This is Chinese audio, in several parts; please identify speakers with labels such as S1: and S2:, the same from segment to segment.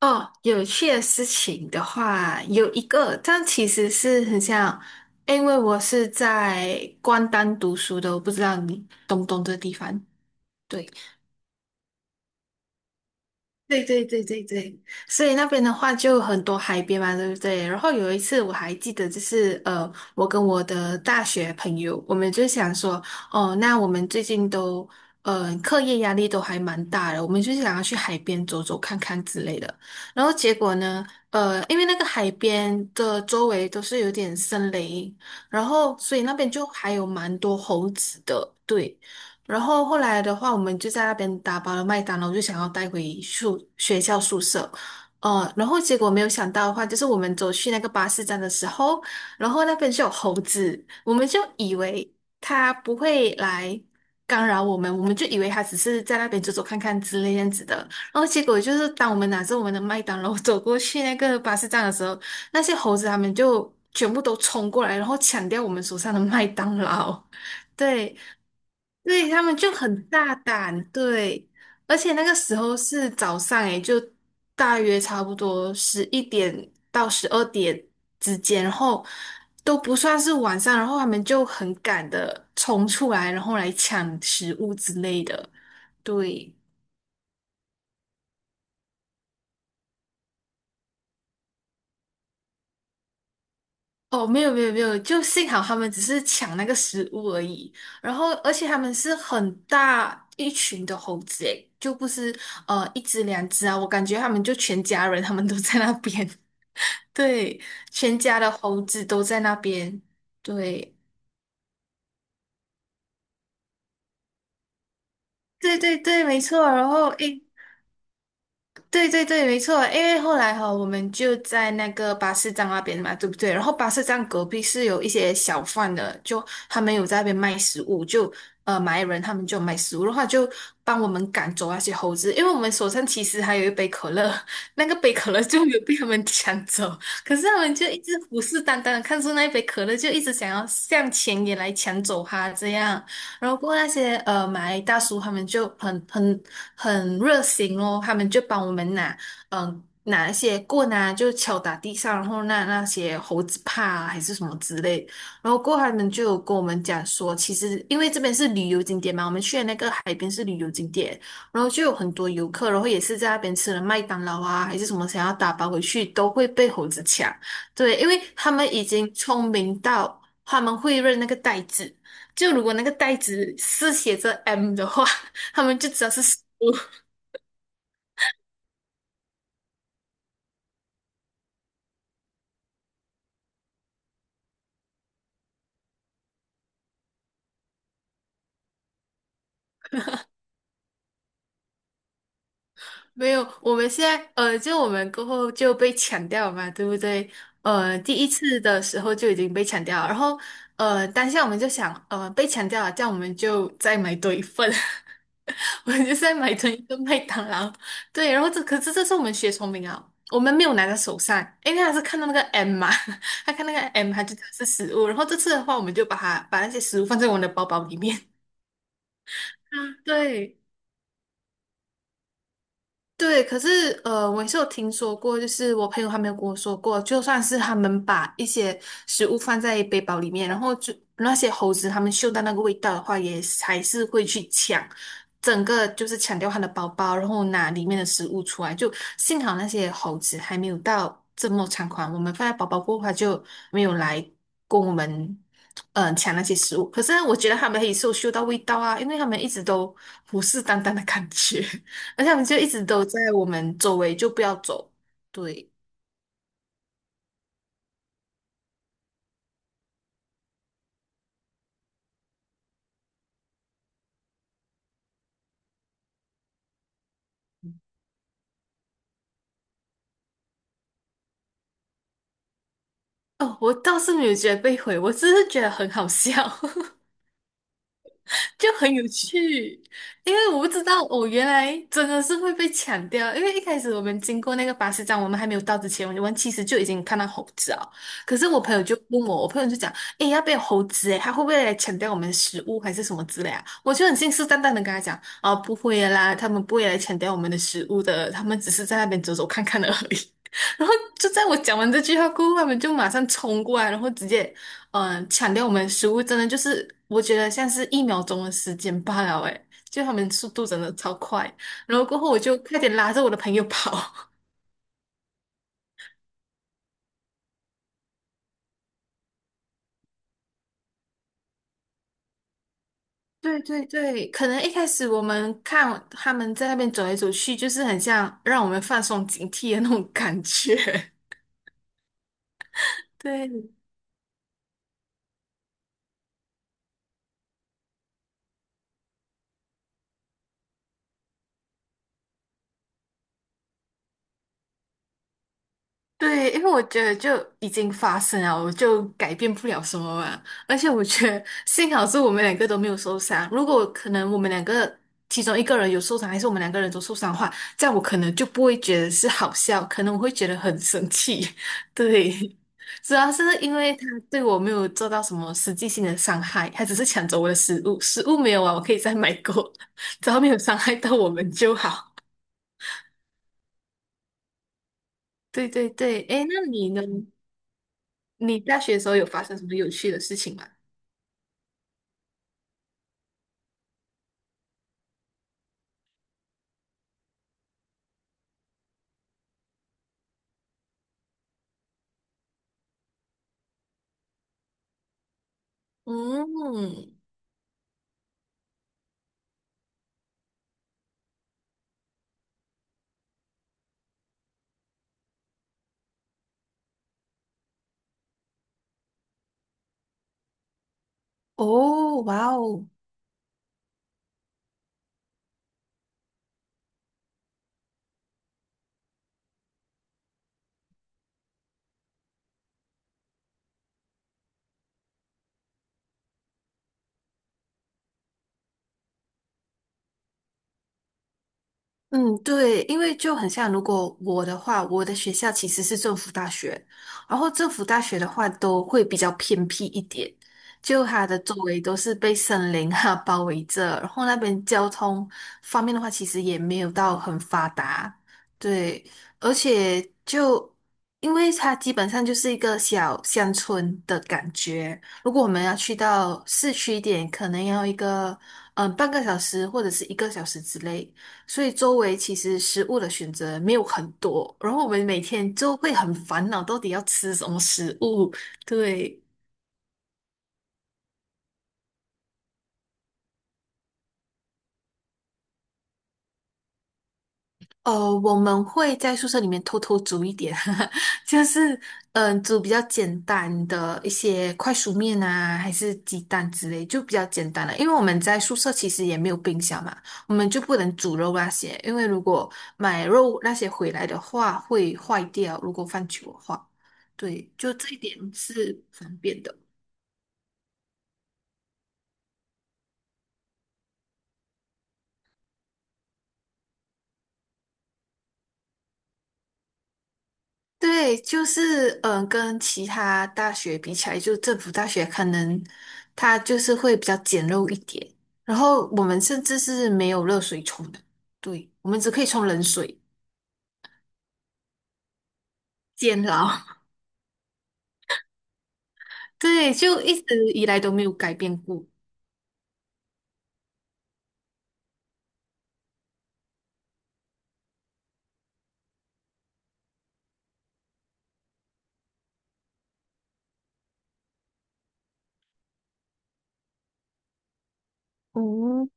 S1: 哦，有趣的事情的话，有一个，但其实是很像，因为我是在关丹读书的，我不知道你懂不懂这个地方。对。对对对对对，所以那边的话就很多海边嘛，对不对？然后有一次我还记得，就是我跟我的大学朋友，我们就想说，哦，那我们最近都课业压力都还蛮大的，我们就想要去海边走走看看之类的。然后结果呢，因为那个海边的周围都是有点森林，然后所以那边就还有蛮多猴子的，对。然后后来的话，我们就在那边打包了麦当劳，就想要带回学校宿舍。然后结果没有想到的话，就是我们走去那个巴士站的时候，然后那边就有猴子，我们就以为它不会来干扰我们，我们就以为它只是在那边走走看看之类这样子的。然后结果就是，当我们拿着我们的麦当劳走过去那个巴士站的时候，那些猴子他们就全部都冲过来，然后抢掉我们手上的麦当劳。对，对他们就很大胆，对，而且那个时候是早上，诶，就大约差不多11点到12点之间，然后都不算是晚上，然后他们就很赶的冲出来，然后来抢食物之类的，对。哦，没有没有没有，就幸好他们只是抢那个食物而已。然后，而且他们是很大一群的猴子，诶，就不是一只两只啊。我感觉他们就全家人，他们都在那边。对，全家的猴子都在那边。对，对对对，没错。然后，诶，对对对，没错，因为后来我们就在那个巴士站那边嘛，对不对？然后巴士站隔壁是有一些小贩的，就他们有在那边卖食物，就马来人他们就卖食物的话，就帮我们赶走那些猴子，因为我们手上其实还有一杯可乐，那个杯可乐就没有被他们 抢走，可是他们就一直虎视眈眈的看着那一杯可乐，就一直想要向前也来抢走它这样。然后过后那些马来大叔他们就很热心哦，他们就帮我们嗯、呃拿一些棍啊，就敲打地上，然后那些猴子怕啊还是什么之类，然后过后他们就有跟我们讲说，其实因为这边是旅游景点嘛，我们去的那个海边是旅游景点，然后就有很多游客，然后也是在那边吃了麦当劳啊还是什么，想要打包回去都会被猴子抢，对，因为他们已经聪明到他们会认那个袋子。就如果那个袋子是写着 M 的话，他们就知道是食物。没有，我们现在就我们过后就被抢掉了嘛，对不对？呃，第一次的时候就已经被抢掉了，然后当下我们就想，呃，被抢掉了，这样我们就再买多一份，我们就再买成一个麦当劳。对，然后这是我们学聪明啊，我们没有拿在手上，因为他是看到那个 M 嘛，他看那个 M，他就知道是食物。然后这次的话，我们就把它把那些食物放在我们的包包里面。对对，可是我也是有听说过，就是我朋友还没有跟我说过，就算是他们把一些食物放在背包里面，然后就那些猴子他们嗅到那个味道的话，也是还是会去抢，整个就是抢掉他的包包，然后拿里面的食物出来。就幸好那些猴子还没有到这么猖狂，我们放在包包过后，它就没有来跟我们。抢那些食物，可是我觉得他们也是有嗅到味道啊，因为他们一直都虎视眈眈的感觉。而且他们就一直都在我们周围，就不要走。对，哦，我倒是没有觉得被毁，我只是觉得很好笑。就很有趣，因为我不知道我原来真的是会被抢掉，因为一开始我们经过那个巴士站，我们还没有到之前，我们其实就已经看到猴子了。可是我朋友就问我，我朋友就讲，诶，要不要猴子？诶，他会不会来抢掉我们食物还是什么之类啊？我就很信誓旦旦的跟他讲，啊，不会的啦，他们不会来抢掉我们的食物的，他们只是在那边走走看看而已。然后就在我讲完这句话过后，他们就马上冲过来，然后直接。嗯，抢掉我们食物真的就是，我觉得像是一秒钟的时间罢了，诶，就他们速度真的超快，然后过后我就快点拉着我的朋友跑。对对对，可能一开始我们看他们在那边走来走去，就是很像让我们放松警惕的那种感觉。对，对，因为我觉得就已经发生了，我就改变不了什么嘛。而且我觉得幸好是我们两个都没有受伤。如果可能我们两个其中一个人有受伤，还是我们两个人都受伤的话，这样我可能就不会觉得是好笑，可能我会觉得很生气。对，主要是因为他对我没有做到什么实际性的伤害，他只是抢走我的食物，食物没有啊，我可以再买过，只要没有伤害到我们就好。对对对，诶，那你呢？你大学的时候有发生什么有趣的事情吗？嗯，哦，哇哦，嗯，对，因为就很像，如果我的话，我的学校其实是政府大学，然后政府大学的话都会比较偏僻一点，就它的周围都是被森林包围着，然后那边交通方面的话，其实也没有到很发达，对，而且就因为它基本上就是一个小乡村的感觉，如果我们要去到市区一点，可能要一个半个小时或者是一个小时之类。所以周围其实食物的选择没有很多，然后我们每天就会很烦恼，到底要吃什么食物？对，呃，我们会在宿舍里面偷偷煮一点，就是煮比较简单的一些快熟面啊，还是鸡蛋之类，就比较简单了。因为我们在宿舍其实也没有冰箱嘛，我们就不能煮肉那些，因为如果买肉那些回来的话会坏掉，如果放久的话，对，就这一点是方便的。对，就是跟其他大学比起来，就政府大学可能它就是会比较简陋一点。然后我们甚至是没有热水冲的，对，我们只可以冲冷水，煎熬。对，就一直以来都没有改变过。嗯。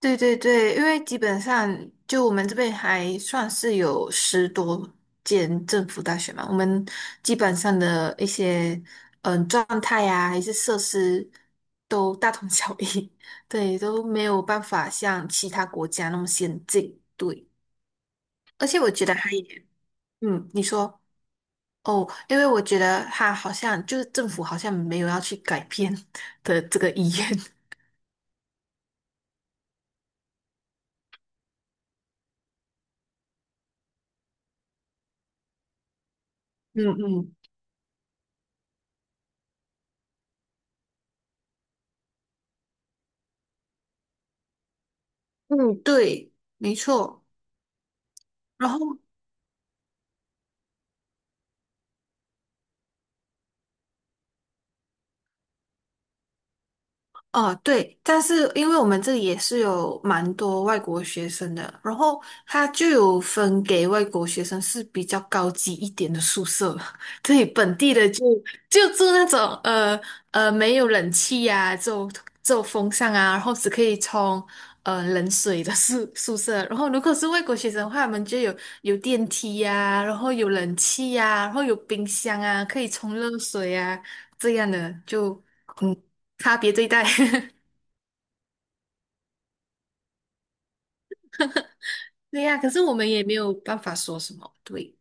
S1: 对对对，因为基本上就我们这边还算是有10多间政府大学嘛，我们基本上的一些状态呀、还是设施都大同小异，对，都没有办法像其他国家那么先进，对。而且我觉得还有一点你说哦，因为我觉得他好像就是政府好像没有要去改变 的这个意愿，嗯嗯嗯，对，没错。然后。哦，对，但是因为我们这里也是有蛮多外国学生的，然后他就有分给外国学生是比较高级一点的宿舍，对，本地的就住那种没有冷气呀、只有风扇啊，然后只可以冲冷水的宿舍，然后如果是外国学生的话，我们就有电梯呀、然后有冷气呀、然后有冰箱啊，可以冲热水啊，这样的就嗯。差别对待。对呀，可是我们也没有办法说什么。对，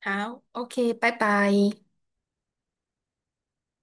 S1: 好，OK，拜拜。